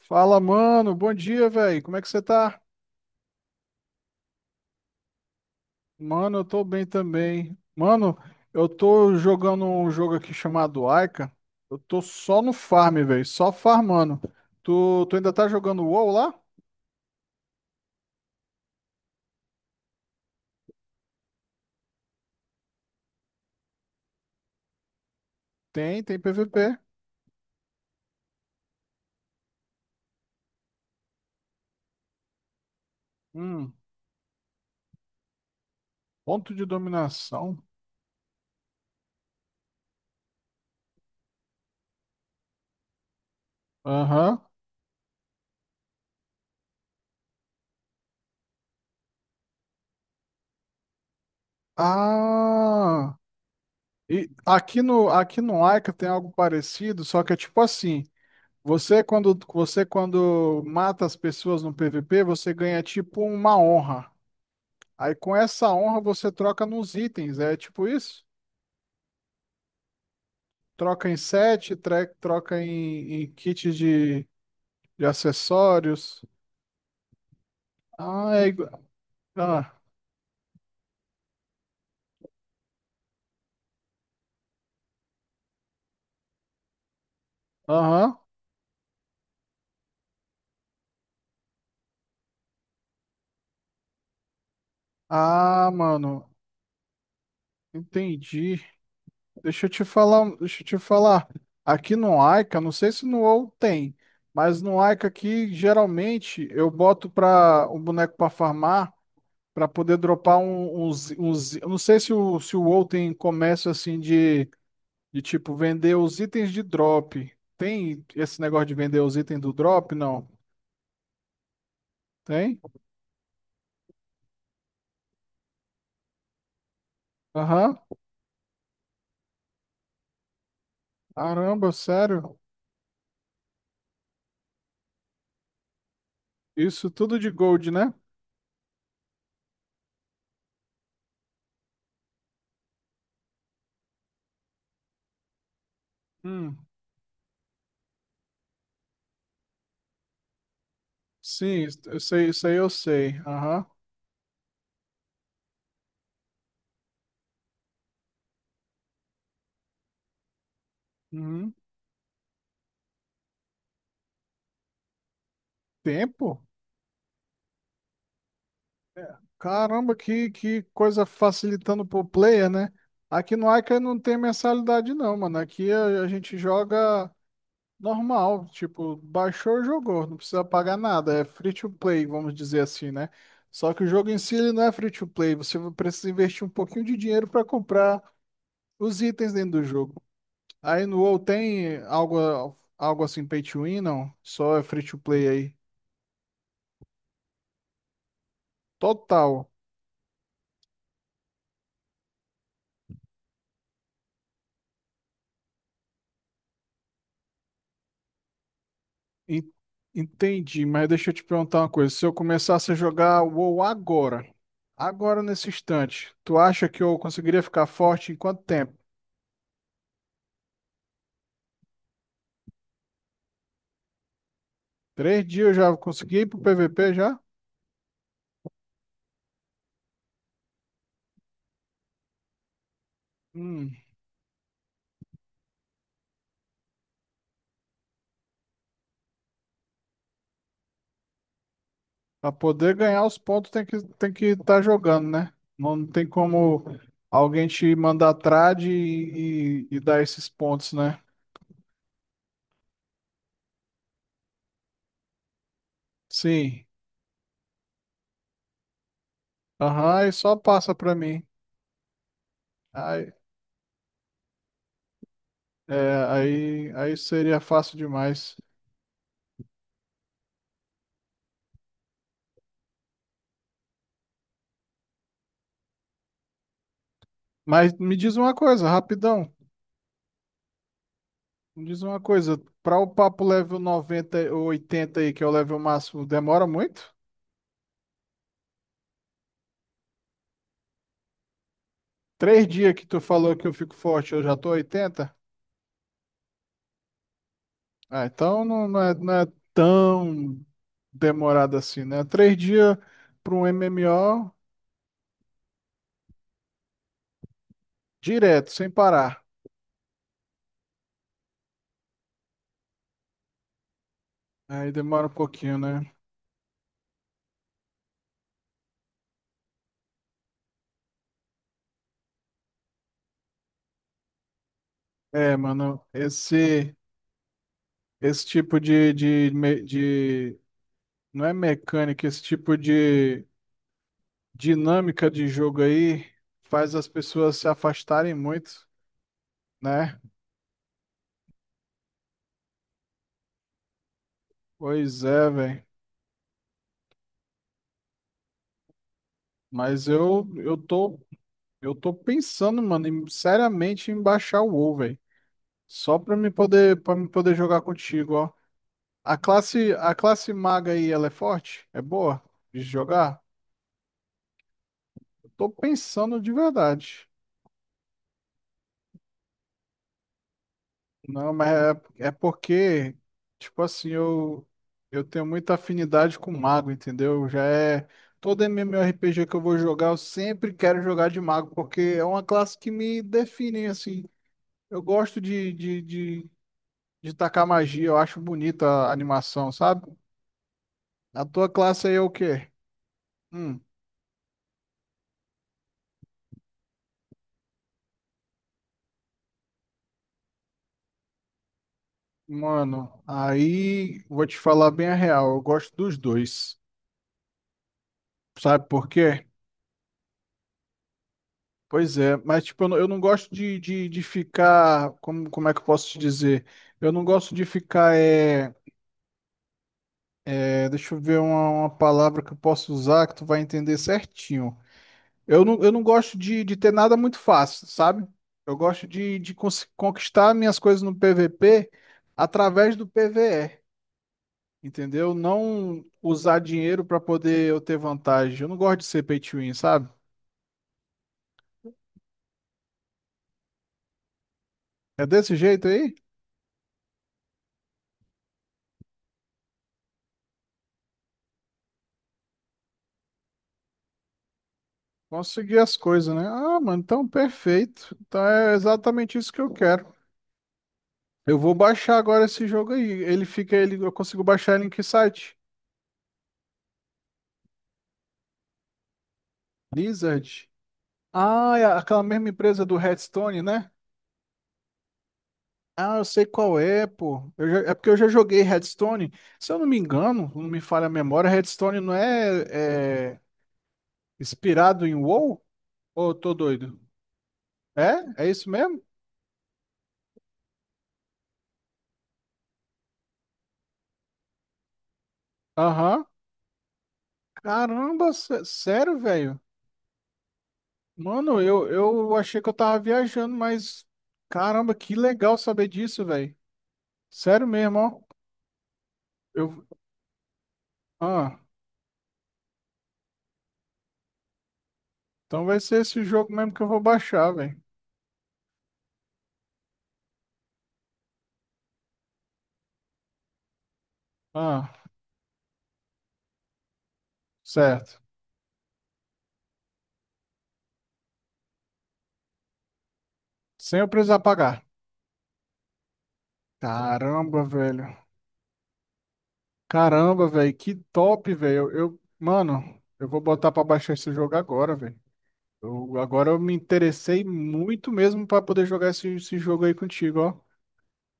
Fala, mano. Bom dia, velho. Como é que você tá? Mano, eu tô bem também. Mano, eu tô jogando um jogo aqui chamado Aika. Eu tô só no farm, velho. Só farmando. Tu ainda tá jogando WoW lá? Tem PVP. Hum, ponto de dominação. Aham. Ah, e aqui no Aika tem algo parecido, só que é tipo assim, você quando mata as pessoas no PVP, você ganha tipo uma honra. Aí com essa honra você troca nos itens, é tipo isso? Troca em set, troca em kit de acessórios. Ah, é igual. Ah, aham. Ah, mano, entendi. Deixa eu te falar, deixa eu te falar. Aqui no Aika, não sei se no WoW tem, mas no Aika aqui geralmente eu boto para um boneco para farmar, para poder dropar uns, eu não sei se o WoW tem comércio assim de tipo, vender os itens de drop. Tem esse negócio de vender os itens do drop? Não. Tem? Aham. Caramba, sério? Isso tudo de gold, né? Hum. Sim, isso eu sei, isso aí eu sei. Aham. Uhum. Tempo? Caramba, que coisa facilitando pro player, né? Aqui no Ica não tem mensalidade, não, mano. Aqui a gente joga. Normal, tipo, baixou, jogou, não precisa pagar nada, é free to play, vamos dizer assim, né? Só que o jogo em si ele não é free to play, você precisa investir um pouquinho de dinheiro para comprar os itens dentro do jogo. Aí no WoW tem algo assim pay to win, não? Só é free to play aí. Total. En- Entendi, mas deixa eu te perguntar uma coisa. Se eu começasse a jogar WoW agora nesse instante, tu acha que eu conseguiria ficar forte em quanto tempo? 3 dias já consegui ir pro PVP já? Hum, Pra poder ganhar os pontos tem que estar jogando, né? Não tem como alguém te mandar trade e dar esses pontos, né? Sim. Aham, aí só passa pra mim. Aí, aí, seria fácil demais. Mas me diz uma coisa, rapidão. Me diz uma coisa. Pra o papo level 90 ou 80 aí, que é o level máximo, demora muito? 3 dias que tu falou que eu fico forte, eu já tô 80. Ah, então não, não é tão demorado assim, né? 3 dias para um MMO direto, sem parar. Aí demora um pouquinho, né? É, mano, esse tipo de. Não é mecânica, esse tipo de dinâmica de jogo aí faz as pessoas se afastarem muito, né? Pois é, velho. Mas eu tô pensando, mano, seriamente em baixar o WoW, velho. Só para me poder jogar contigo, ó. A classe maga aí, ela é forte? É boa de jogar? Eu tô pensando de verdade. Não, mas é porque, tipo assim, eu tenho muita afinidade com mago, entendeu? Já é. Todo MMORPG que eu vou jogar, eu sempre quero jogar de mago, porque é uma classe que me define, assim. Eu gosto de tacar magia, eu acho bonita a animação, sabe? A tua classe aí é o quê? Hum. Mano, aí vou te falar bem a real, eu gosto dos dois. Sabe por quê? Pois é, mas tipo, eu não gosto de ficar, como é que eu posso te dizer? Eu não gosto de ficar, deixa eu ver uma palavra que eu posso usar que tu vai entender certinho. Eu não gosto de ter nada muito fácil, sabe? Eu gosto de conquistar minhas coisas no PVP através do PVE. Entendeu? Não usar dinheiro para poder eu ter vantagem. Eu não gosto de ser pay to win, sabe? É desse jeito aí? Conseguir as coisas, né? Ah, mano, então perfeito. Então é exatamente isso que eu quero. Eu vou baixar agora esse jogo aí. Eu consigo baixar ele em que site? Blizzard. Ah, é aquela mesma empresa do Hearthstone, né? Ah, eu sei qual é, pô. É porque eu já joguei Hearthstone. Se eu não me engano, não me falha a memória, Hearthstone não é, é inspirado em WoW? Ô, tô doido. É? É isso mesmo? Aham. Caramba, sério, velho? Mano, eu achei que eu tava viajando, mas caramba, que legal saber disso, velho. Sério mesmo, ó. Eu... Ah, então vai ser esse jogo mesmo que eu vou baixar, velho. Ah, certo. Sem eu precisar pagar. Caramba, velho. Caramba, velho, que top, velho. Mano, eu vou botar pra baixar esse jogo agora, velho. Agora eu me interessei muito mesmo pra poder jogar esse jogo aí contigo, ó.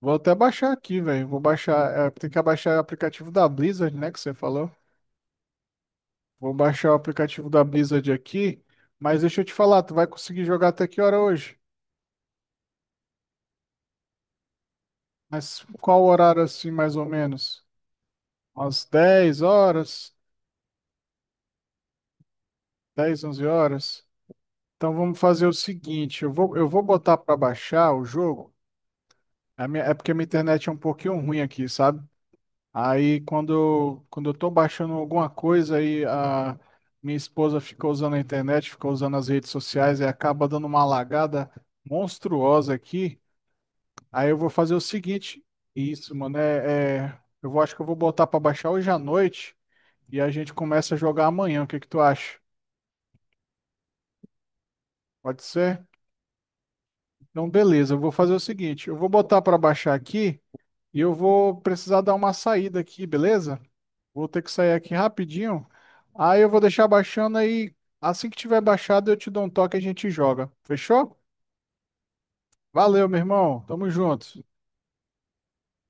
Vou até baixar aqui, velho. Vou baixar. Tem que abaixar o aplicativo da Blizzard, né? Que você falou. Vou baixar o aplicativo da Blizzard aqui. Mas deixa eu te falar, tu vai conseguir jogar até que hora hoje? Mas qual horário assim, mais ou menos? Umas 10 horas? 10, 11 horas? Então vamos fazer o seguinte: eu vou botar pra baixar o jogo. É porque a minha internet é um pouquinho ruim aqui, sabe? Aí quando eu tô baixando alguma coisa aí a minha esposa ficou usando a internet, ficou usando as redes sociais e acaba dando uma lagada monstruosa aqui. Aí eu vou fazer o seguinte, isso, mano, acho que eu vou botar pra baixar hoje à noite e a gente começa a jogar amanhã. O que que tu acha? Pode ser? Então, beleza, eu vou fazer o seguinte, eu vou botar pra baixar aqui e eu vou precisar dar uma saída aqui, beleza? Vou ter que sair aqui rapidinho. Aí eu vou deixar baixando aí. Assim que tiver baixado, eu te dou um toque e a gente joga. Fechou? Valeu, meu irmão. Tamo junto.